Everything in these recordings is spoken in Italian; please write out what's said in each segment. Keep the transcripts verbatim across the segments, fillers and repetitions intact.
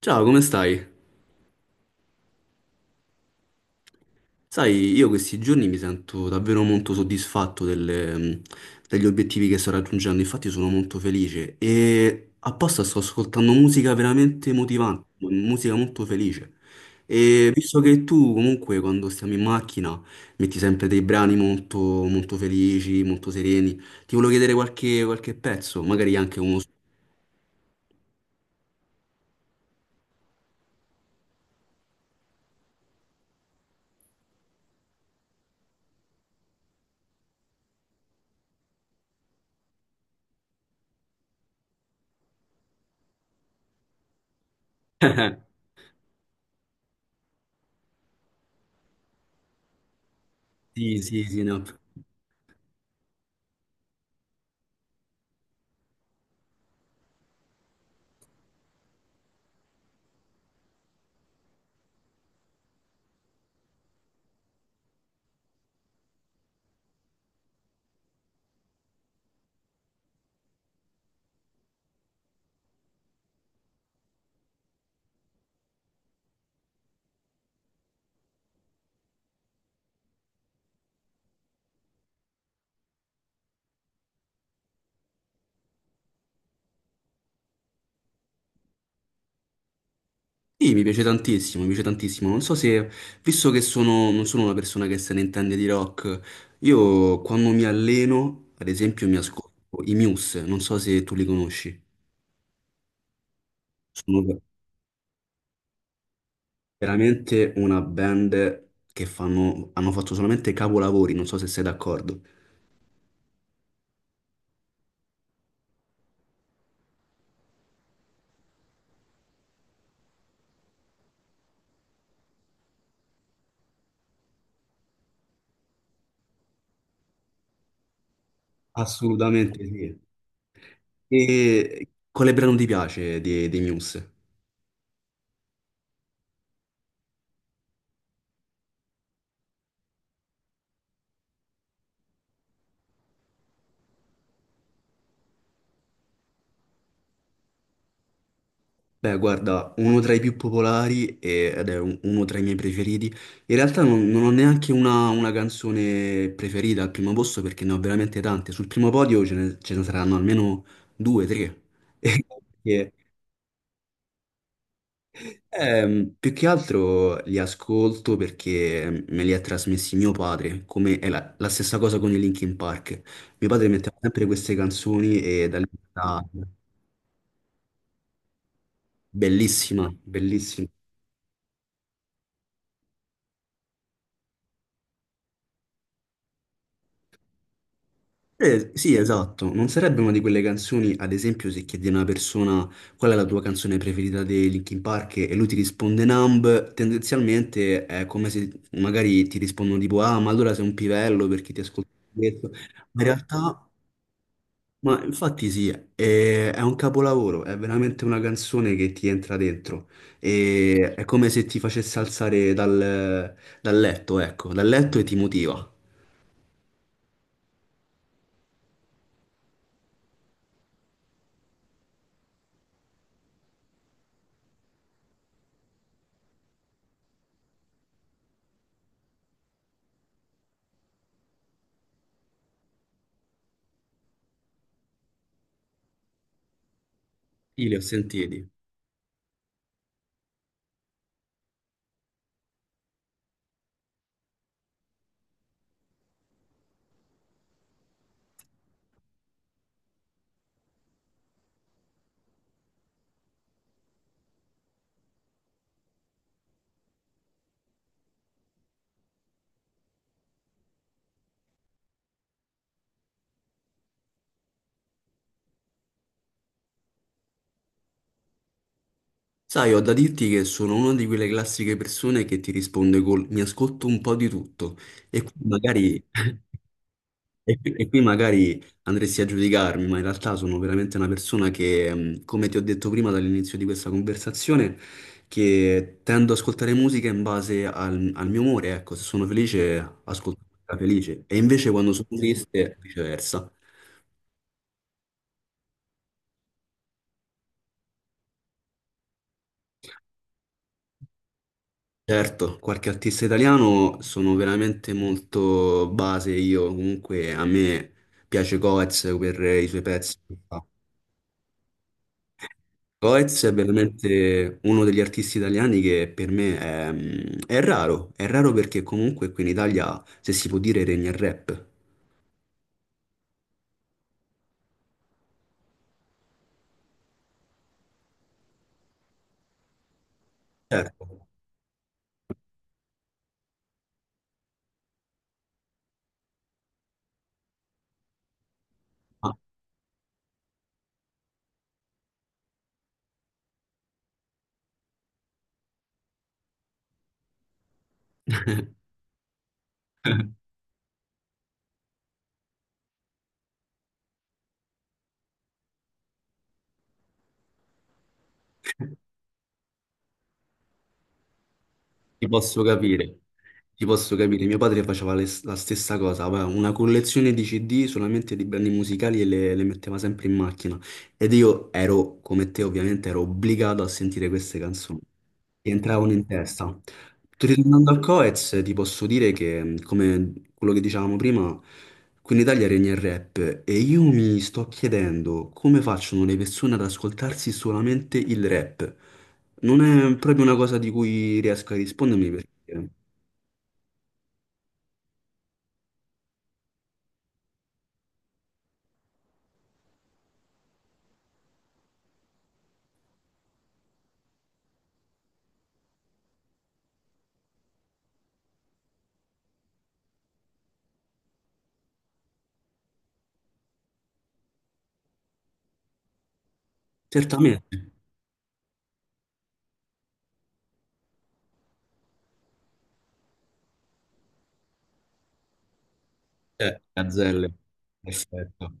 Ciao, come stai? Sai, io questi giorni mi sento davvero molto soddisfatto delle, mh, degli obiettivi che sto raggiungendo. Infatti sono molto felice e apposta sto ascoltando musica veramente motivante, musica molto felice. E visto che tu comunque quando stiamo in macchina metti sempre dei brani molto, molto felici, molto sereni, ti volevo chiedere qualche, qualche pezzo, magari anche uno... Sì, sì, sì, no. Sì, mi piace tantissimo, mi piace tantissimo. Non so se, visto che sono, non sono una persona che se ne intende di rock, io quando mi alleno, ad esempio, mi ascolto i Muse, non so se tu li conosci. Sono veramente una band che fanno, hanno fatto solamente capolavori, non so se sei d'accordo. Assolutamente sì. E quale brano ti piace dei, dei Muse? Beh, guarda, uno tra i più popolari e- ed è un- uno tra i miei preferiti. In realtà non, non ho neanche una, una canzone preferita al primo posto perché ne ho veramente tante. Sul primo podio ce ne, ce ne saranno almeno due, tre. Perché, ehm, più che altro li ascolto perché me li ha trasmessi mio padre, come è la, la stessa cosa con i Linkin Park. Mio padre metteva sempre queste canzoni e da lì è stata bellissima, bellissima. Eh sì, esatto, non sarebbe una di quelle canzoni, ad esempio, se chiedi a una persona qual è la tua canzone preferita dei Linkin Park e lui ti risponde Numb, tendenzialmente è come se magari ti rispondono tipo ah, ma allora sei un pivello perché ti ascolti questo. Ma in realtà, ma infatti sì, è, è un capolavoro, è veramente una canzone che ti entra dentro e è come se ti facesse alzare dal, dal letto, ecco, dal letto e ti motiva. Sì, li ho sentiti. Sai, ho da dirti che sono una di quelle classiche persone che ti risponde col mi ascolto un po' di tutto e qui magari, e qui e qui magari andresti a giudicarmi, ma in realtà sono veramente una persona che, mh, come ti ho detto prima dall'inizio di questa conversazione, che tendo ad ascoltare musica in base al, al mio umore, ecco, se sono felice ascolto musica felice e invece quando sono triste viceversa. Certo, qualche artista italiano sono veramente molto base io, comunque a me piace Coez per i suoi pezzi che fa. Coez è veramente uno degli artisti italiani che per me è, mm, è raro, è raro perché comunque qui in Italia, se si può dire, regna il rap. Certo. Ah. Ti posso capire, ti posso capire. Mio padre faceva le- la stessa cosa, aveva una collezione di C D solamente di brani musicali e le, le metteva sempre in macchina. Ed io ero, come te ovviamente, ero obbligato a sentire queste canzoni che entravano in testa. Tornando al Coez, ti posso dire che, come quello che dicevamo prima, qui in Italia regna il rap e io mi sto chiedendo come facciano le persone ad ascoltarsi solamente il rap. Non è proprio una cosa di cui riesco a rispondermi perché certamente c'è Gazzelle, perfetto.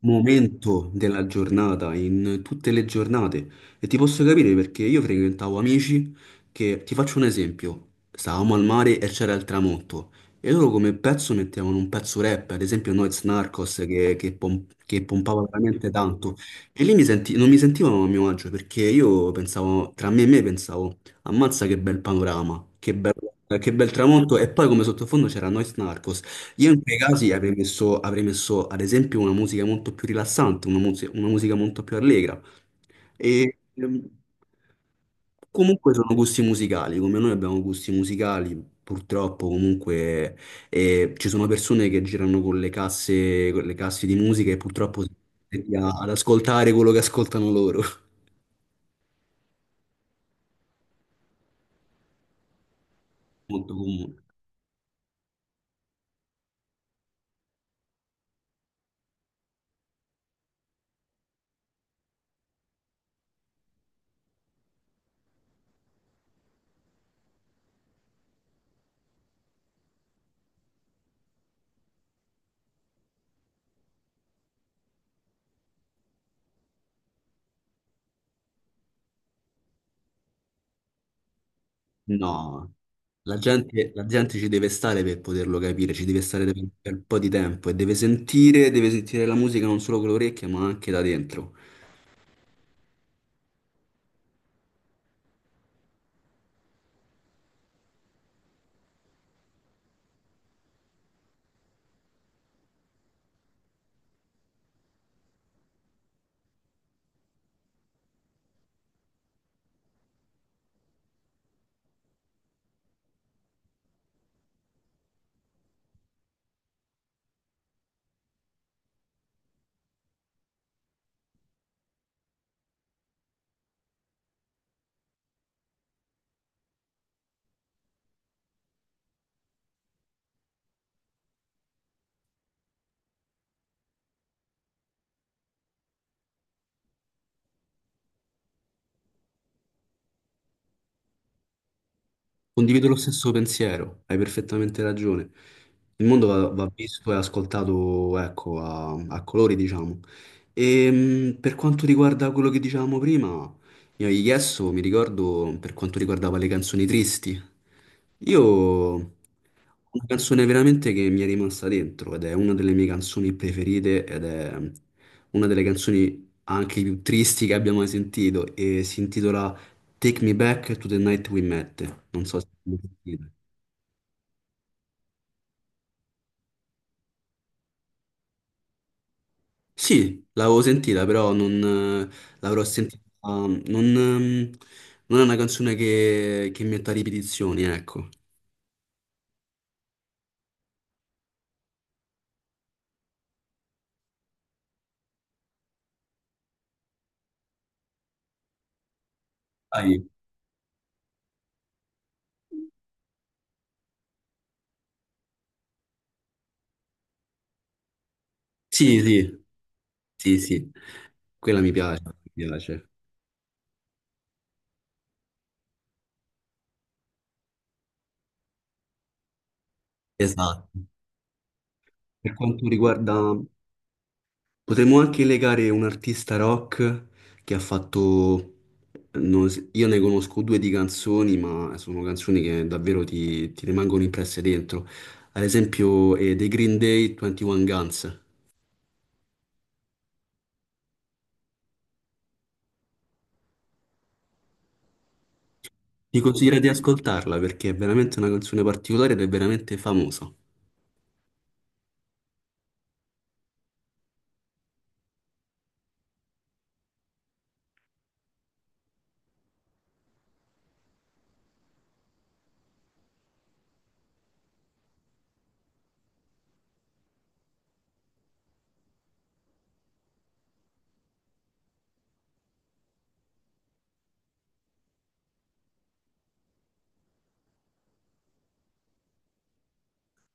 Momento della giornata, in tutte le giornate. E ti posso capire perché io frequentavo amici che, ti faccio un esempio, stavamo al mare e c'era il tramonto. E loro come pezzo mettevano un pezzo rap, ad esempio Noyz Narcos che, che pom- che pompava veramente tanto. E lì mi senti- non mi sentivano a mio agio perché io pensavo, tra me e me pensavo, ammazza che bel panorama, che bel, che bel tramonto. E poi come sottofondo c'era Noyz Narcos. Io in quei casi avrei messo, avrei messo ad esempio una musica molto più rilassante, una, muse- una musica molto più allegra. E ehm, comunque sono gusti musicali, come noi abbiamo gusti musicali, purtroppo comunque eh, ci sono persone che girano con le casse, con le casse di musica e purtroppo si mette a- ad ascoltare quello che ascoltano loro. Molto comune. No, la gente, la gente ci deve stare per poterlo capire, ci deve stare per per un po' di tempo e deve sentire, deve sentire la musica non solo con le orecchie, ma anche da dentro. Condivido lo stesso pensiero, hai perfettamente ragione. Il mondo va, va visto e ascoltato, ecco, a, a colori, diciamo. E per quanto riguarda quello che dicevamo prima, io gli Yes, mi ricordo per quanto riguardava le canzoni tristi. Io ho una canzone veramente che mi è rimasta dentro ed è una delle mie canzoni preferite ed è una delle canzoni anche più tristi che abbia mai sentito e si intitola Take Me Back to the Night We Met. Non so se l'hai sentita. Sì, l'avevo sentita, però non eh, l'avrò sentita. Mm. Non, ehm, non è una canzone che, che metta ripetizioni, ecco. Dai. Sì, sì, sì, sì. Quella mi piace, mi piace. Esatto. Per quanto riguarda potremmo anche legare un artista rock che ha fatto... Non s- io ne conosco due di canzoni, ma sono canzoni che davvero ti, ti rimangono impresse dentro. Ad esempio, eh, The Green Day ventuno Guns. Ti consiglio di ascoltarla perché è veramente una canzone particolare ed è veramente famosa.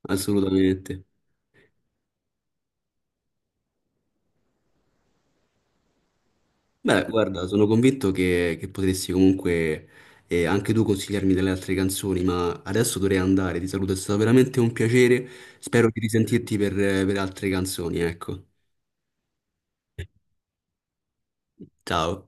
Assolutamente. Beh, guarda, sono convinto che, che potresti comunque eh, anche tu consigliarmi delle altre canzoni, ma adesso dovrei andare. Ti saluto, è stato veramente un piacere. Spero di risentirti per per altre canzoni, ecco. Ciao.